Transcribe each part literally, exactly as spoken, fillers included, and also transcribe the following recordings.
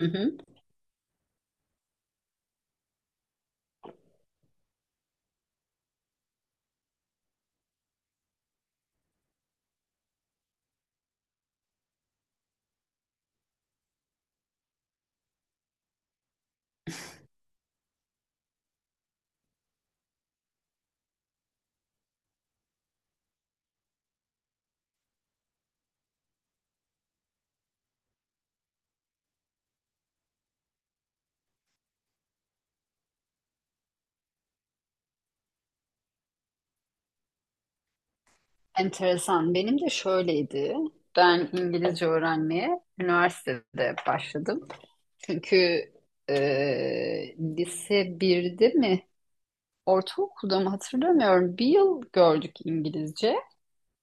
Hı hı. Enteresan. Benim de şöyleydi. Ben İngilizce öğrenmeye üniversitede başladım. Çünkü e, lise birde mi, ortaokulda mı hatırlamıyorum. Bir yıl gördük İngilizce.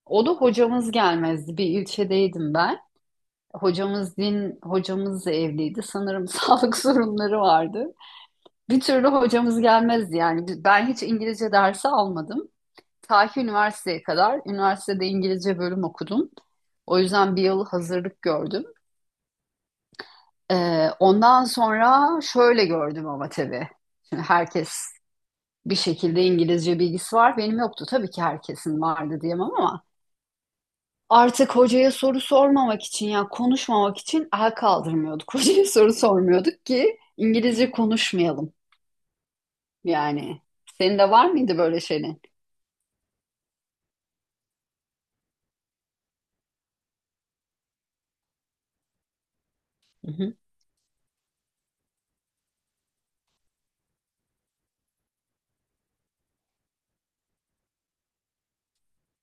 O da hocamız gelmezdi. Bir ilçedeydim ben. Hocamız din, hocamız da evliydi. Sanırım sağlık sorunları vardı. Bir türlü hocamız gelmezdi yani. Ben hiç İngilizce dersi almadım. Ta ki üniversiteye kadar. Üniversitede İngilizce bölüm okudum. O yüzden bir yıl hazırlık gördüm. Ee, ondan sonra şöyle gördüm ama tabii. Şimdi herkes bir şekilde İngilizce bilgisi var. Benim yoktu. Tabii ki herkesin vardı diyemem ama artık hocaya soru sormamak için ya konuşmamak için el kaldırmıyorduk. Hocaya soru sormuyorduk ki İngilizce konuşmayalım. Yani senin de var mıydı böyle şeyin? Hı hı,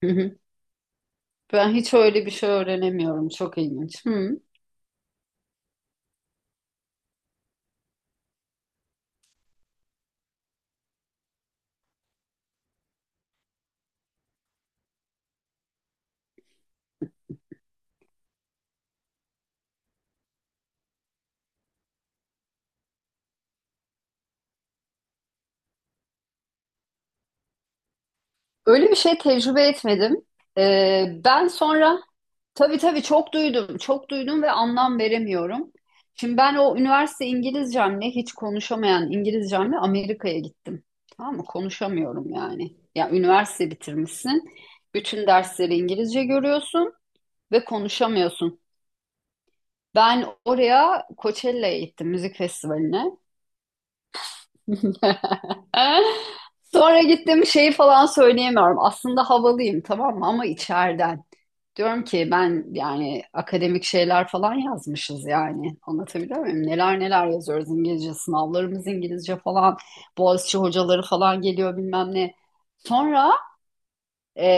hı hı. Ben hiç öyle bir şey öğrenemiyorum. Çok ilginç. Hı. Öyle bir şey tecrübe etmedim. Ee, ben sonra tabii tabii çok duydum, çok duydum ve anlam veremiyorum. Şimdi ben o üniversite İngilizcemle hiç konuşamayan İngilizcemle Amerika'ya gittim. Tamam mı? Konuşamıyorum yani. Ya üniversite bitirmişsin, bütün dersleri İngilizce görüyorsun ve konuşamıyorsun. Ben oraya Coachella'ya gittim, müzik festivaline. Sonra gittim şeyi falan söyleyemiyorum. Aslında havalıyım, tamam mı? Ama içeriden. Diyorum ki ben yani akademik şeyler falan yazmışız yani. Anlatabiliyor muyum? Neler neler yazıyoruz, İngilizce sınavlarımız İngilizce falan. Boğaziçi hocaları falan geliyor bilmem ne. Sonra e,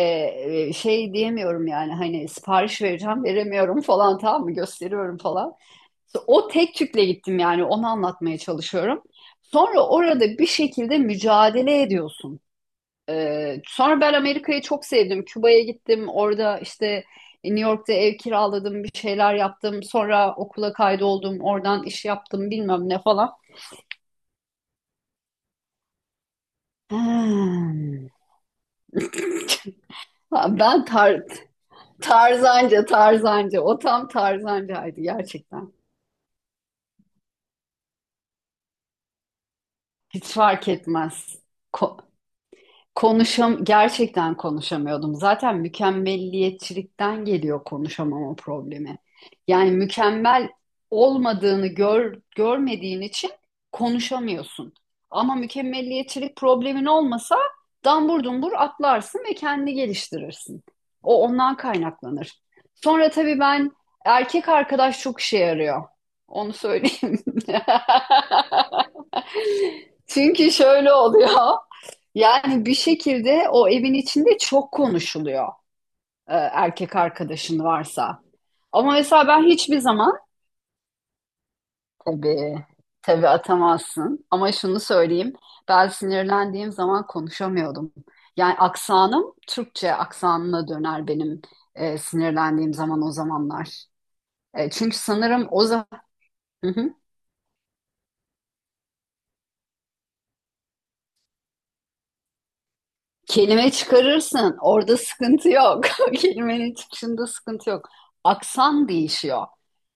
e, şey diyemiyorum yani, hani sipariş vereceğim, veremiyorum falan, tamam mı, gösteriyorum falan. İşte o tek tükle gittim yani, onu anlatmaya çalışıyorum. Sonra orada bir şekilde mücadele ediyorsun. Ee, sonra ben Amerika'yı çok sevdim. Küba'ya gittim. Orada işte e, New York'ta ev kiraladım, bir şeyler yaptım. Sonra okula kaydoldum. Oradan iş yaptım, bilmem ne falan. Hmm. Ha, ben tar tarzanca, tarzanca. O tam tarzancaydı gerçekten. Hiç fark etmez. Ko- Konuşam gerçekten konuşamıyordum. Zaten mükemmelliyetçilikten geliyor konuşamama problemi. Yani mükemmel olmadığını gör, görmediğin için konuşamıyorsun. Ama mükemmelliyetçilik problemin olmasa dambur dumbur atlarsın ve kendini geliştirirsin. O ondan kaynaklanır. Sonra tabii ben, erkek arkadaş çok işe yarıyor. Onu söyleyeyim. Çünkü şöyle oluyor. Yani bir şekilde o evin içinde çok konuşuluyor e, erkek arkadaşın varsa. Ama mesela ben hiçbir zaman, tabii tabii atamazsın. Ama şunu söyleyeyim. Ben sinirlendiğim zaman konuşamıyordum. Yani aksanım Türkçe aksanına döner benim e, sinirlendiğim zaman, o zamanlar. E, çünkü sanırım o zaman kelime çıkarırsın. Orada sıkıntı yok. Kelimenin çıkışında sıkıntı yok. Aksan değişiyor.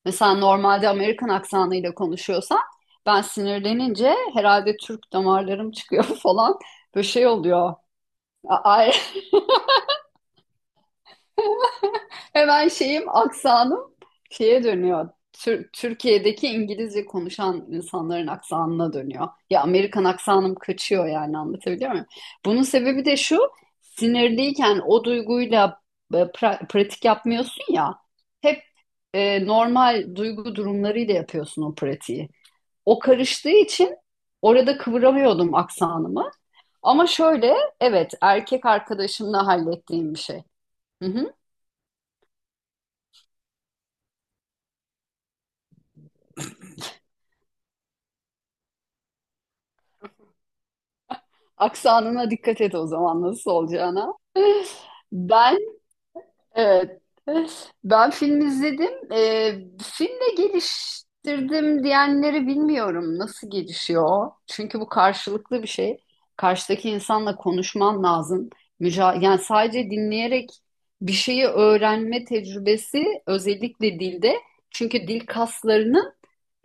Mesela normalde Amerikan aksanıyla konuşuyorsan, ben sinirlenince herhalde Türk damarlarım çıkıyor falan. Böyle şey oluyor. A- Hemen şeyim, aksanım şeye dönüyor. Tür- Türkiye'deki İngilizce konuşan insanların aksanına dönüyor. Ya Amerikan aksanım kaçıyor yani, anlatabiliyor muyum? Bunun sebebi de şu: sinirliyken o duyguyla e, pra- pratik yapmıyorsun ya. Hep e, normal duygu durumlarıyla yapıyorsun o pratiği. O karıştığı için orada kıvıramıyordum aksanımı. Ama şöyle, evet, erkek arkadaşımla hallettiğim bir şey. Aksanına dikkat et o zaman, nasıl olacağına. Ben, evet, ben film izledim. Ee, filmle geliştirdim diyenleri bilmiyorum nasıl gelişiyor. Çünkü bu karşılıklı bir şey. Karşıdaki insanla konuşman lazım. Müca yani sadece dinleyerek bir şeyi öğrenme tecrübesi, özellikle dilde. Çünkü dil kaslarının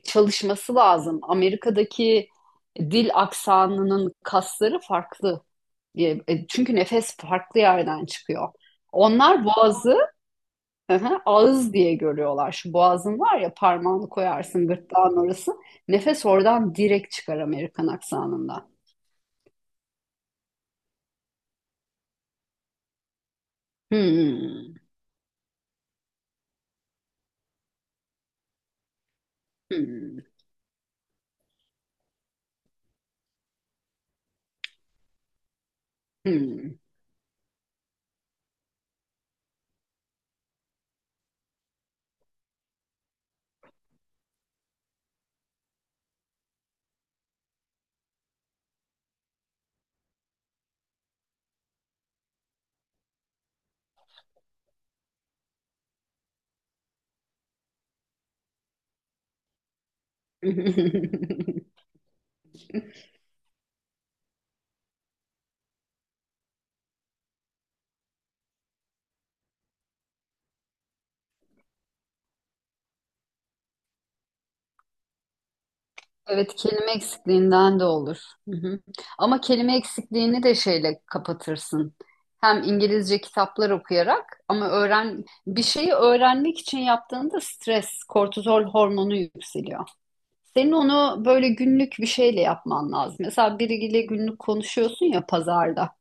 çalışması lazım. Amerika'daki dil aksanının kasları farklı. E, e, Çünkü nefes farklı yerden çıkıyor. Onlar boğazı, hı hı, ağız diye görüyorlar. Şu boğazın var ya, parmağını koyarsın gırtlağın orası. Nefes oradan direkt çıkar Amerikan aksanında. Hmm, hmm, hmm. Evet, kelime eksikliğinden de olur. Hı hı. Ama kelime eksikliğini de şeyle kapatırsın. Hem İngilizce kitaplar okuyarak, ama öğren, bir şeyi öğrenmek için yaptığında stres, kortizol hormonu yükseliyor. Senin onu böyle günlük bir şeyle yapman lazım. Mesela biriyle günlük konuşuyorsun ya pazarda.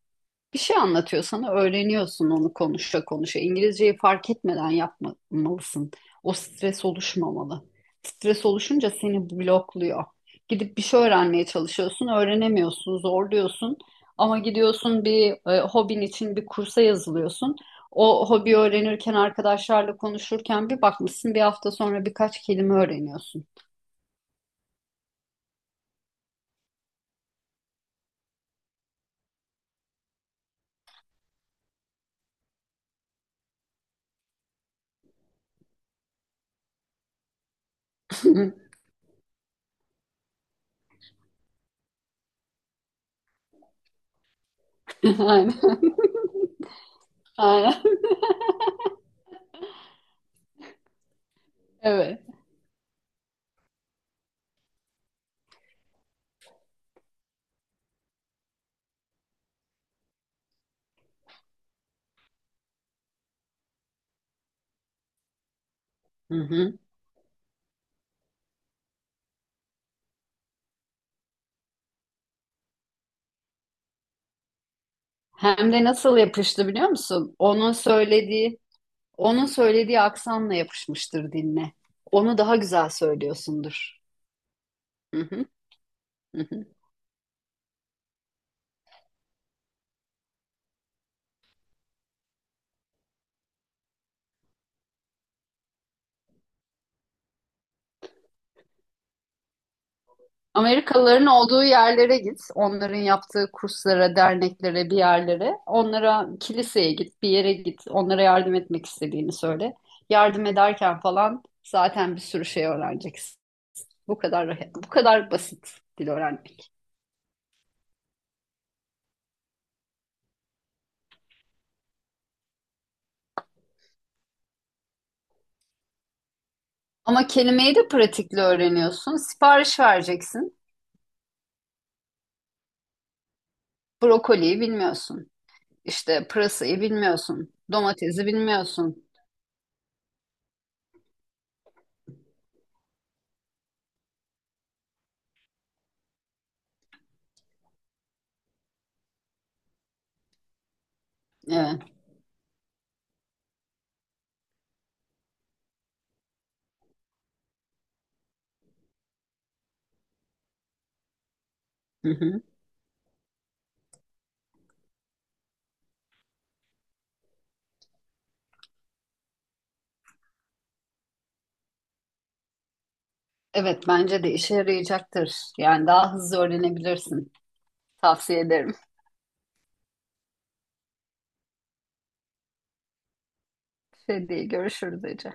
Bir şey anlatıyor sana, öğreniyorsun onu konuşa konuşa. İngilizceyi fark etmeden yapmalısın. O stres oluşmamalı. Stres oluşunca seni blokluyor. Gidip bir şey öğrenmeye çalışıyorsun, öğrenemiyorsun, zorluyorsun. Ama gidiyorsun bir e, hobin için bir kursa yazılıyorsun. O hobi öğrenirken, arkadaşlarla konuşurken, bir bakmışsın bir hafta sonra birkaç kelime öğreniyorsun. Aynen. Aynen. Evet. Hı hı. Hem de nasıl yapıştı biliyor musun? Onun söylediği, onun söylediği aksanla yapışmıştır, dinle. Onu daha güzel söylüyorsundur. Hı hı, hı hı. Amerikalıların olduğu yerlere git. Onların yaptığı kurslara, derneklere, bir yerlere. Onlara kiliseye git, bir yere git. Onlara yardım etmek istediğini söyle. Yardım ederken falan zaten bir sürü şey öğreneceksin. Bu kadar, bu kadar basit dil öğrenmek. Ama kelimeyi de pratikle öğreniyorsun. Sipariş vereceksin. Brokoliyi bilmiyorsun. İşte pırasayı bilmiyorsun. Domatesi bilmiyorsun. Evet. Hı hı. Evet, bence de işe yarayacaktır. Yani daha hızlı öğrenebilirsin. Tavsiye ederim. Şey değil, görüşürüz Ece.